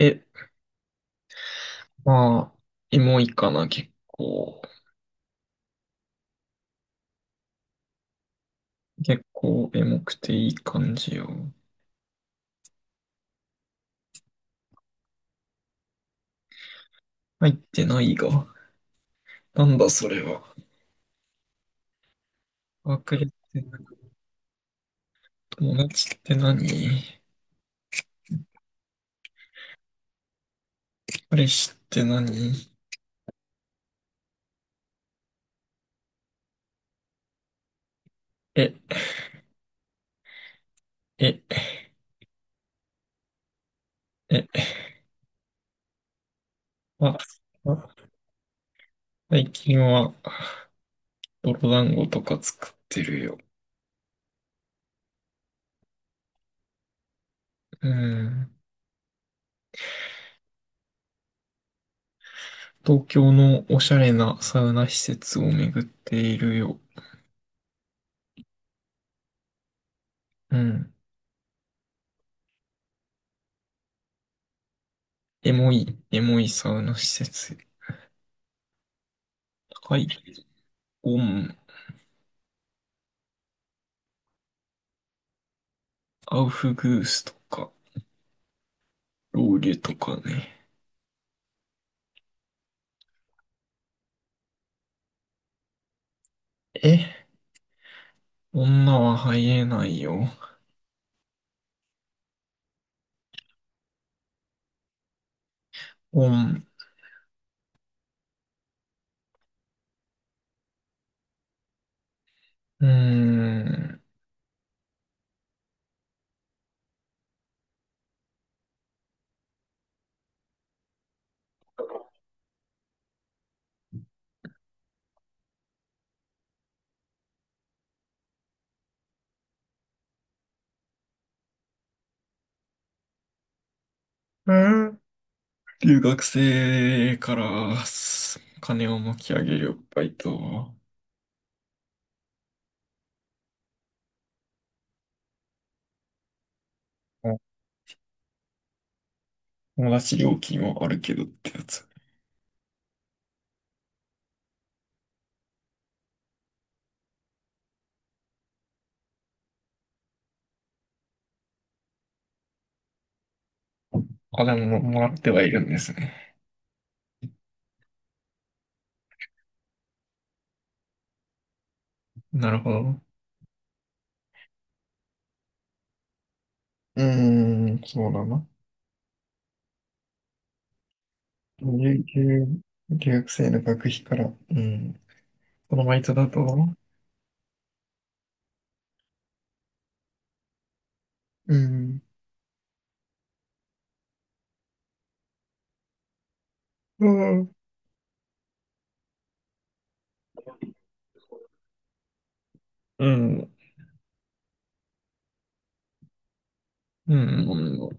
え、まあ、エモいかな、結構。結構エモくていい感じよ。入ってないが。なんだそれは。ワークレって何？友達って何？彼氏って何？え、え、え、あ、あ、最近は泥団子とか作ってるよ。うん。東京のおしゃれなサウナ施設を巡っているよ。うん。エモい、エモいサウナ施設。高い。オンアウフグースとか、ロウリュとかね。え、女は入れないよ。本。うーん。うん、留学生からす金を巻き上げるバイト。うん、友達料金はあるけどってやつ。あ、でも、もらってはいるんですね。なるほど。うーん、そうだな。留、留留学生の学費から、うん。このバイトだと、うん。うん。うん。うん。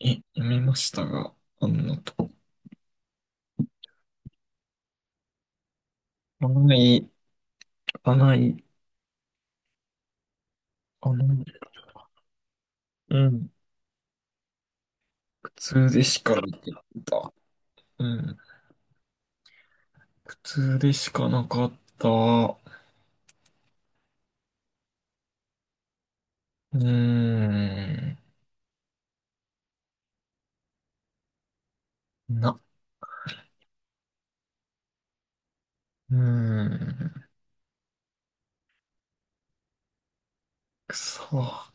え、読みましたが、あんなと。かない、かない、かない。うん。苦痛でしかなかった。うん。苦痛でしかなかった。うーん。な、うーん。くそ。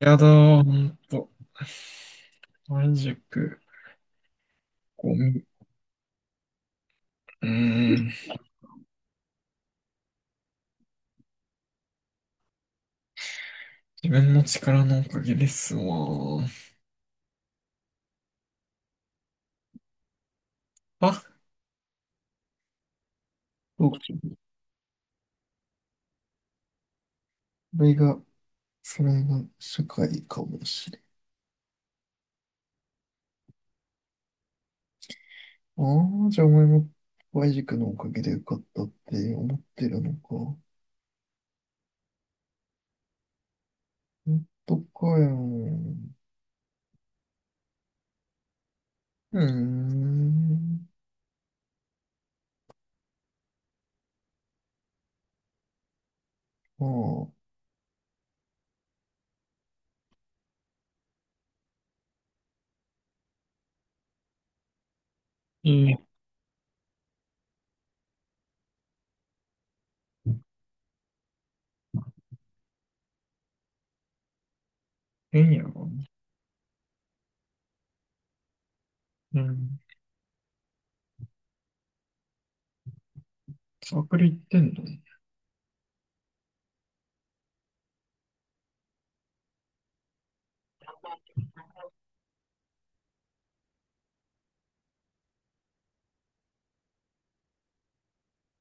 やだー、ほんと。半熟、ゴミ。うーん。自分の力のおかげですわー。あ、そうか。これが、それが社会かもしれない。ああ、じゃあお前も Y 軸のおかげで受かったって思ってるのか。本当かよ。うーん。まあ、いい変やわ。うん。サークル行ってんの？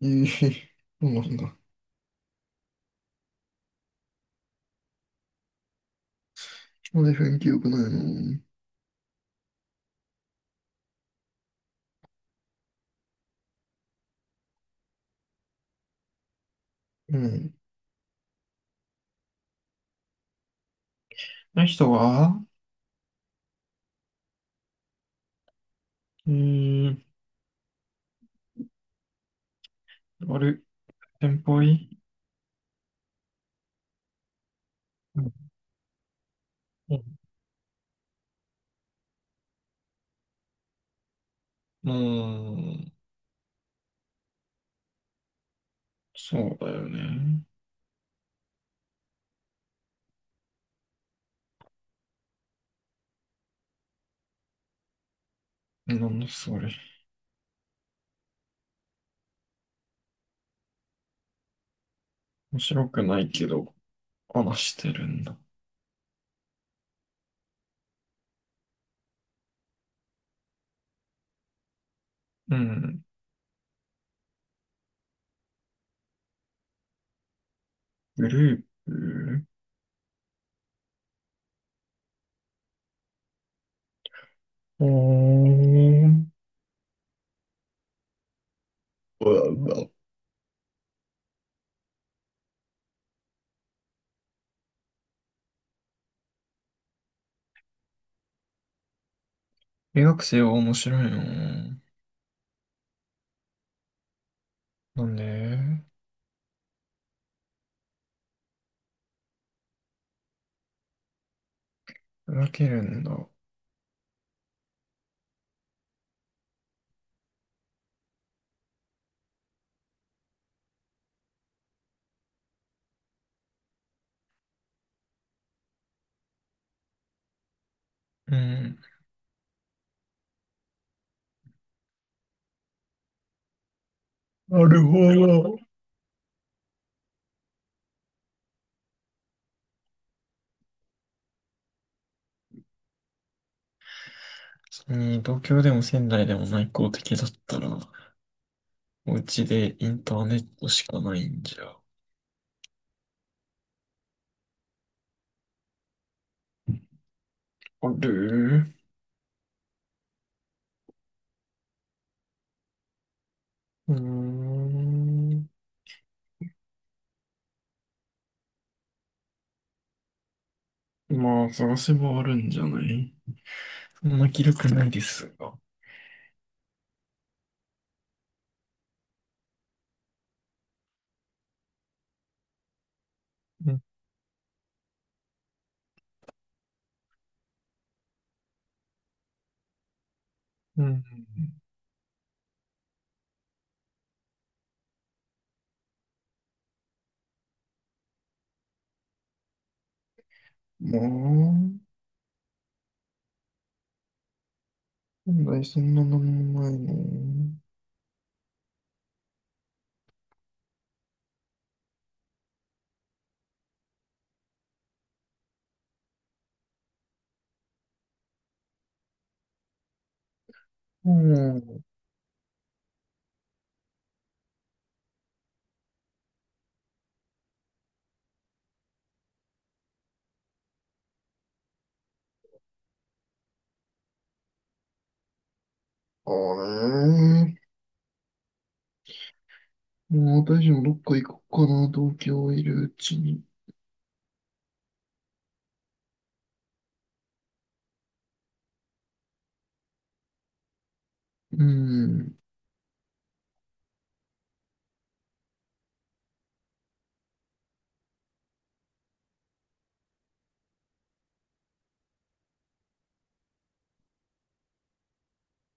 ええ、そうなんだ。なんで雰囲気良くないの？うん。あの人は。うーん、あれ、先輩？うんうん、そうだよね。なんだそれ。面白くないけど、話してるんだ。うん。グループ。おー。うんうん。留学生は面白いの？なんで？分けるんだ。うん。なるほど。東京でも仙台でも内向的だったら、お家でインターネットしかないんじゃ。ある？うーん。まあ、探せばあるんじゃない？そんな気力ないですが。うん。うん、まあ、本来そんななんもないの？うん。あれ。もう私もどっか行こうかな、東京いるうちに。うん。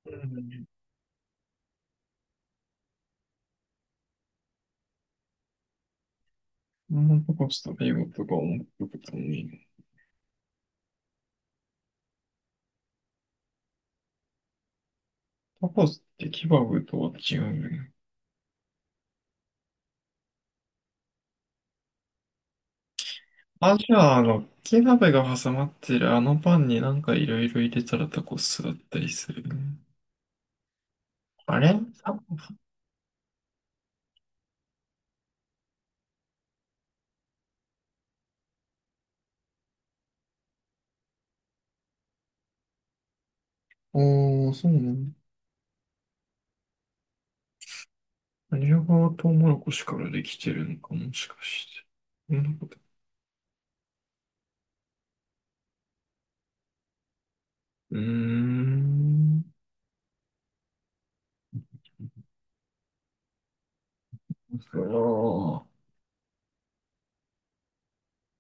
うん。あんまタコス食べようとか思ってたのに。タコスってケバブとは違うよね。あ、じゃあ、ケバブが挟まってるあのパンになんかいろいろ入れたらタコスだったりするよね。あれ、タコス。ああ、そうなの。あれはトウモロコシからできてるのかもしかして。そんなこと。うーん。そう